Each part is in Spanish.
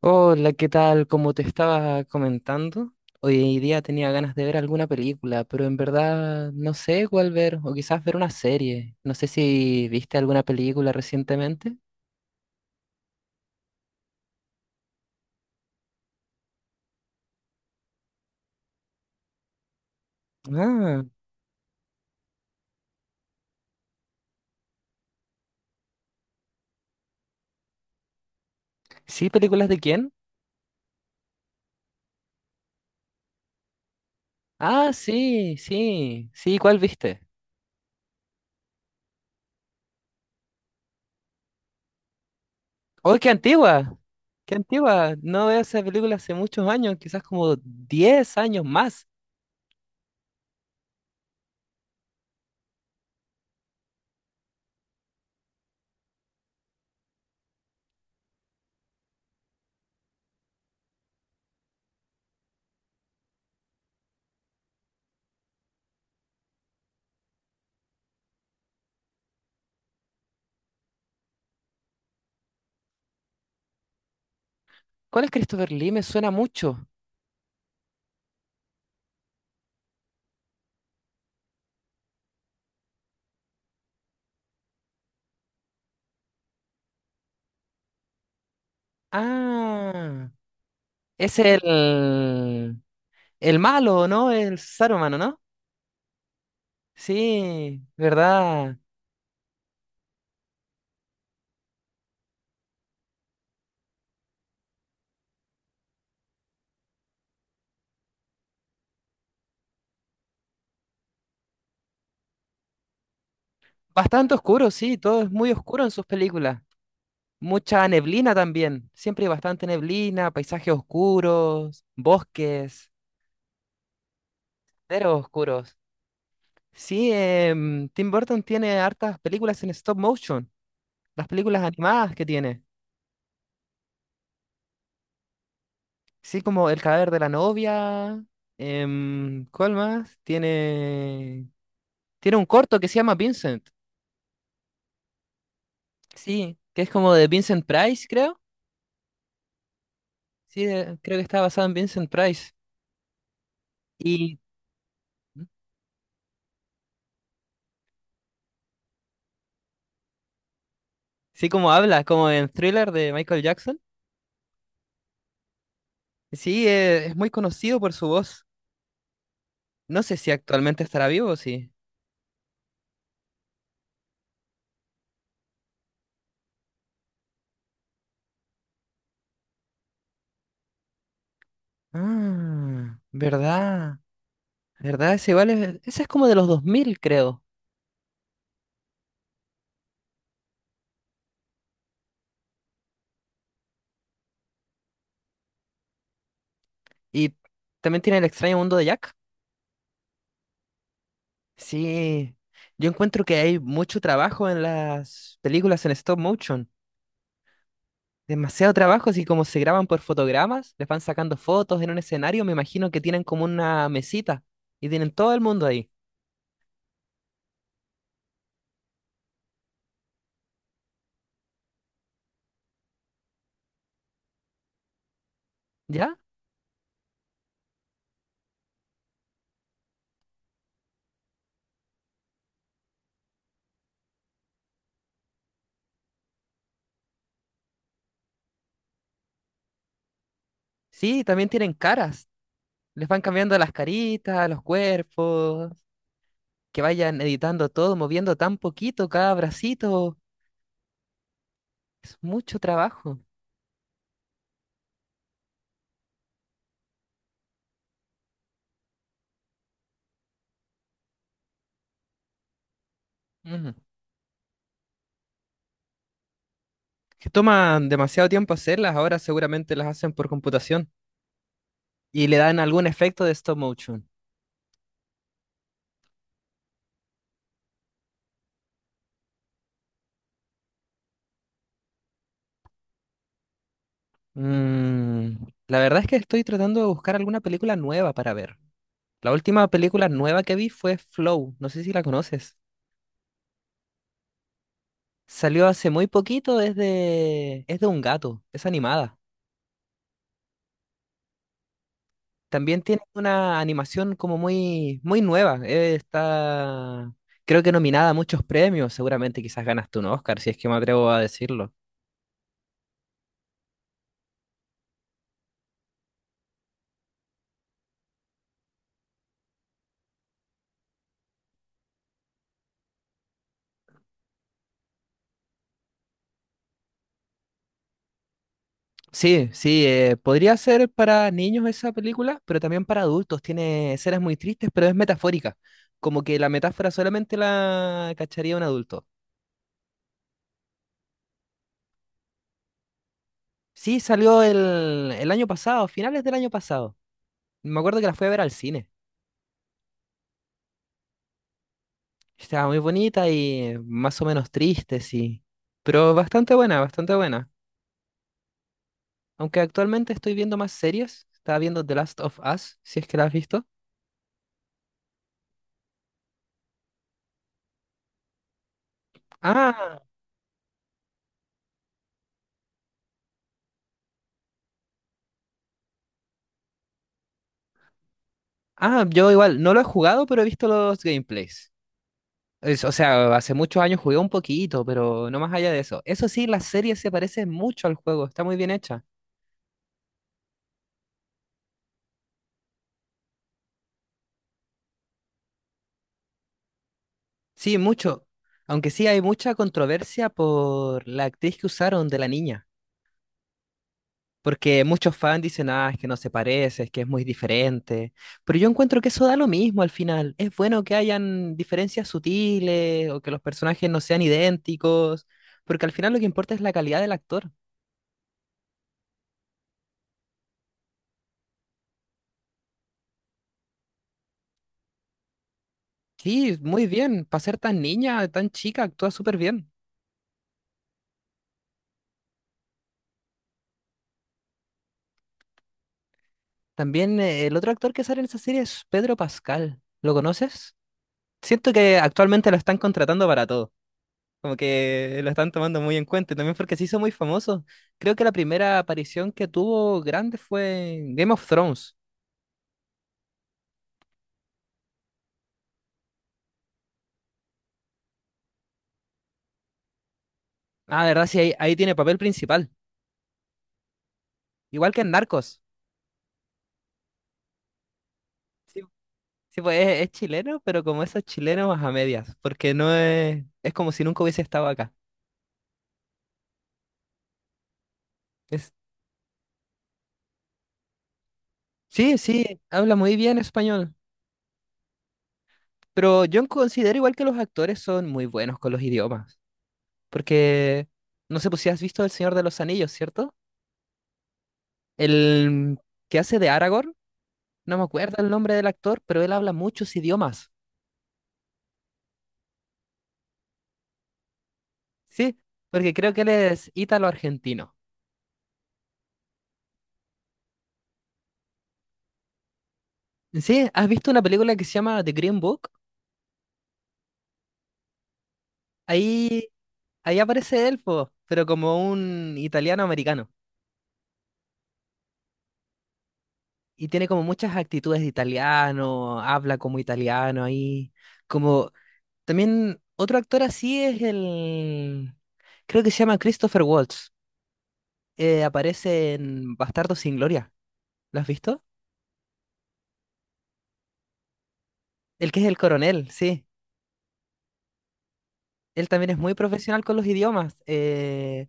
Hola, ¿qué tal? Como te estaba comentando, hoy día tenía ganas de ver alguna película, pero en verdad no sé cuál ver, o quizás ver una serie. No sé si viste alguna película recientemente. Ah, sí, ¿películas de quién? Ah, sí, sí, sí, ¿cuál viste? ¡Oh, qué antigua! ¡Qué antigua! No veo esa película hace muchos años, quizás como 10 años más. ¿Cuál es Christopher Lee? Me suena mucho. Ah, es el... El malo, ¿no? El Saruman, ¿no? Sí, ¿verdad? Bastante oscuro, sí, todo es muy oscuro en sus películas. Mucha neblina también, siempre hay bastante neblina, paisajes oscuros, bosques, senderos oscuros. Sí, Tim Burton tiene hartas películas en stop motion, las películas animadas que tiene. Sí, como El cadáver de la novia. ¿Cuál más? Tiene, tiene un corto que se llama Vincent. Sí, que es como de Vincent Price, creo. Sí, creo que está basado en Vincent Price. Y sí, como habla, como en Thriller de Michael Jackson. Sí, es muy conocido por su voz. No sé si actualmente estará vivo o sí. Ah, verdad. ¿Verdad? Ese igual es, ese es como de los 2000 creo. Y también tiene El extraño mundo de Jack. Sí. Yo encuentro que hay mucho trabajo en las películas en stop motion. Demasiado trabajo, así como se graban por fotogramas, les van sacando fotos en un escenario, me imagino que tienen como una mesita y tienen todo el mundo ahí, ¿ya? Sí, también tienen caras, les van cambiando las caritas, los cuerpos, que vayan editando todo, moviendo tan poquito cada bracito, es mucho trabajo. Ujú. Que toman demasiado tiempo hacerlas, ahora seguramente las hacen por computación y le dan algún efecto de stop motion. Mm, la verdad es que estoy tratando de buscar alguna película nueva para ver. La última película nueva que vi fue Flow, no sé si la conoces. Salió hace muy poquito, es de un gato, es animada. También tiene una animación como muy, muy nueva. Creo que nominada a muchos premios, seguramente quizás ganas tú un Oscar, si es que me atrevo a decirlo. Sí, sí, podría ser para niños esa película, pero también para adultos. Tiene escenas muy tristes, pero es metafórica. Como que la metáfora solamente la cacharía un adulto. Sí, salió el año pasado, finales del año pasado. Me acuerdo que la fui a ver al cine. Estaba muy bonita y más o menos triste, sí. Pero bastante buena, bastante buena. Aunque actualmente estoy viendo más series. Estaba viendo The Last of Us, si es que la has visto. Ah, ah, yo igual, no lo he jugado, pero he visto los gameplays. O sea, hace muchos años jugué un poquito, pero no más allá de eso. Eso sí, la serie se parece mucho al juego, está muy bien hecha. Sí, mucho. Aunque sí hay mucha controversia por la actriz que usaron de la niña. Porque muchos fans dicen, ah, es que no se parece, es que es muy diferente. Pero yo encuentro que eso da lo mismo al final. Es bueno que hayan diferencias sutiles o que los personajes no sean idénticos. Porque al final lo que importa es la calidad del actor. Sí, muy bien. Para ser tan niña, tan chica, actúa súper bien. También el otro actor que sale en esa serie es Pedro Pascal. ¿Lo conoces? Siento que actualmente lo están contratando para todo. Como que lo están tomando muy en cuenta y también porque se hizo muy famoso. Creo que la primera aparición que tuvo grande fue en Game of Thrones. Ah, verdad, sí, ahí tiene papel principal. Igual que en Narcos. Sí, sí, pues es chileno, pero como esos chilenos a medias, porque no es, es como si nunca hubiese estado acá. Es, sí, sí, habla muy bien español, pero yo considero igual que los actores son muy buenos con los idiomas, porque no sé pues si has visto El Señor de los Anillos, ¿cierto? El que hace de Aragorn. No me acuerdo el nombre del actor, pero él habla muchos idiomas. Sí, porque creo que él es ítalo-argentino. Sí, ¿has visto una película que se llama The Green Book? Ahí, ahí aparece él, po, pero como un italiano-americano. Y tiene como muchas actitudes de italiano, habla como italiano ahí. Como también otro actor así es el... Creo que se llama Christopher Waltz. Aparece en Bastardo sin Gloria. ¿Lo has visto? El que es el coronel, sí. Él también es muy profesional con los idiomas.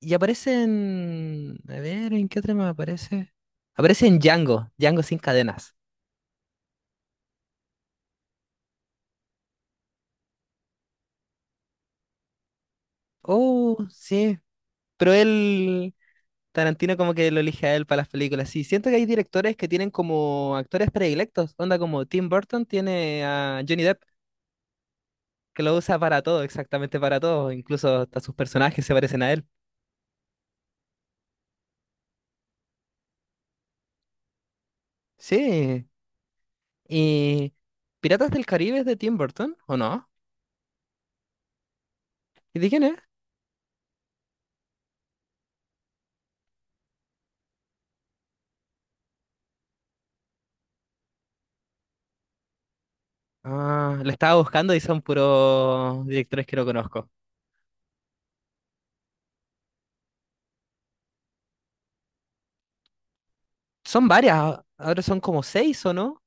Y aparece en... A ver, ¿en qué otra me aparece? Aparece en Django, Django sin cadenas. Oh, sí. Pero él, Tarantino como que lo elige a él para las películas. Sí, siento que hay directores que tienen como actores predilectos. Onda como Tim Burton tiene a Johnny Depp, que lo usa para todo, exactamente para todo. Incluso hasta sus personajes se parecen a él. Sí. ¿Y Piratas del Caribe es de Tim Burton o no? ¿Y de quién es? Ah, lo estaba buscando y son puros directores que no conozco. Son varias, ahora son como seis o no,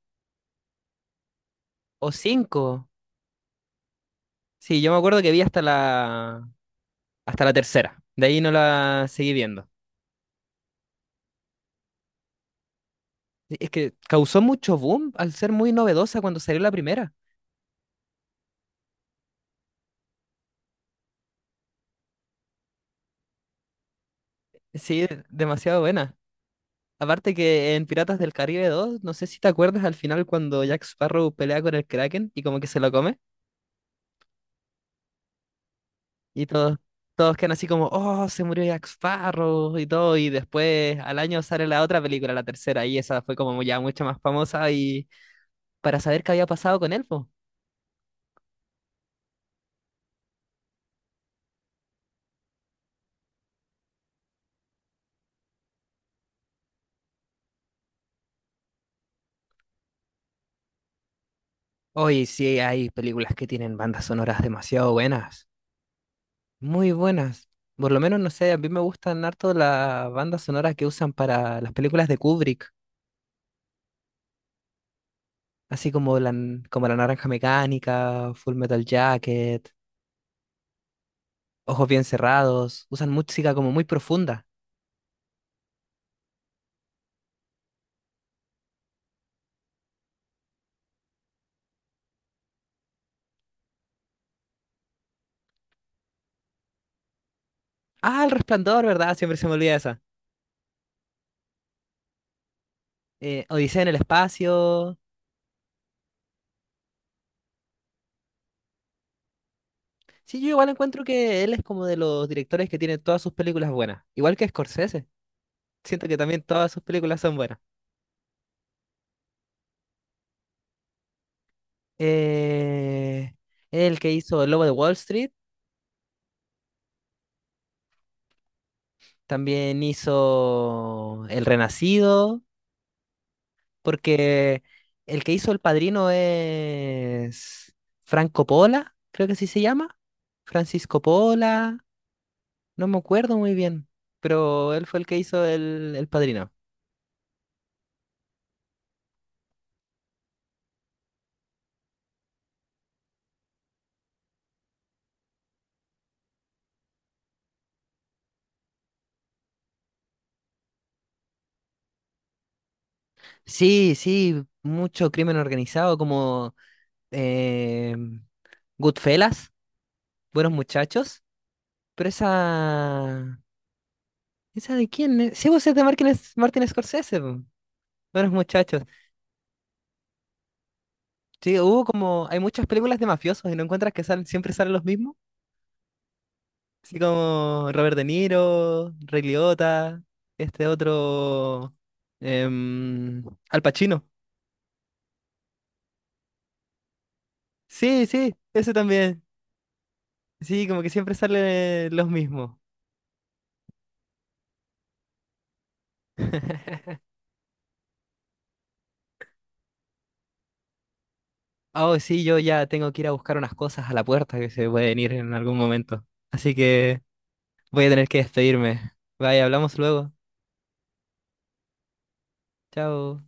o cinco. Sí, yo me acuerdo que vi hasta la tercera, de ahí no la seguí viendo. Sí, es que causó mucho boom al ser muy novedosa cuando salió la primera. Sí, demasiado buena. Aparte que en Piratas del Caribe 2 no sé si te acuerdas al final cuando Jack Sparrow pelea con el Kraken y como que se lo come. Y todos, todos quedan así como, oh, se murió Jack Sparrow y todo. Y después al año sale la otra película, la tercera, y esa fue como ya mucho más famosa y para saber qué había pasado con él, pues. Hoy sí hay películas que tienen bandas sonoras demasiado buenas, muy buenas. Por lo menos, no sé, a mí me gustan harto las bandas sonoras que usan para las películas de Kubrick, así como La Naranja Mecánica, Full Metal Jacket, ojos bien cerrados, usan música como muy profunda. Ah, El Resplandor, ¿verdad? Siempre se me olvida esa. Odisea en el espacio. Sí, yo igual encuentro que él es como de los directores que tienen todas sus películas buenas. Igual que Scorsese. Siento que también todas sus películas son buenas. Eh, el que hizo El Lobo de Wall Street, también hizo El Renacido, porque el que hizo El Padrino es Franco Pola, creo que así se llama. Francisco Pola. No me acuerdo muy bien, pero él fue el que hizo el Padrino. Sí, sí, mucho crimen organizado como eh, Goodfellas, Buenos Muchachos, pero esa... ¿Esa de quién es? Sí, vos es de Martin Scorsese, po, Buenos Muchachos. Sí, hubo como... Hay muchas películas de mafiosos y no encuentras que salen, siempre salen los mismos, así como Robert De Niro, Ray Liotta, este otro... em, Al Pacino. Sí, sí, eso también. Sí, como que siempre salen los mismos. Oh, sí, yo ya tengo que ir a buscar unas cosas a la puerta que se pueden ir en algún momento. Así que voy a tener que despedirme. Bye, hablamos luego. Chao.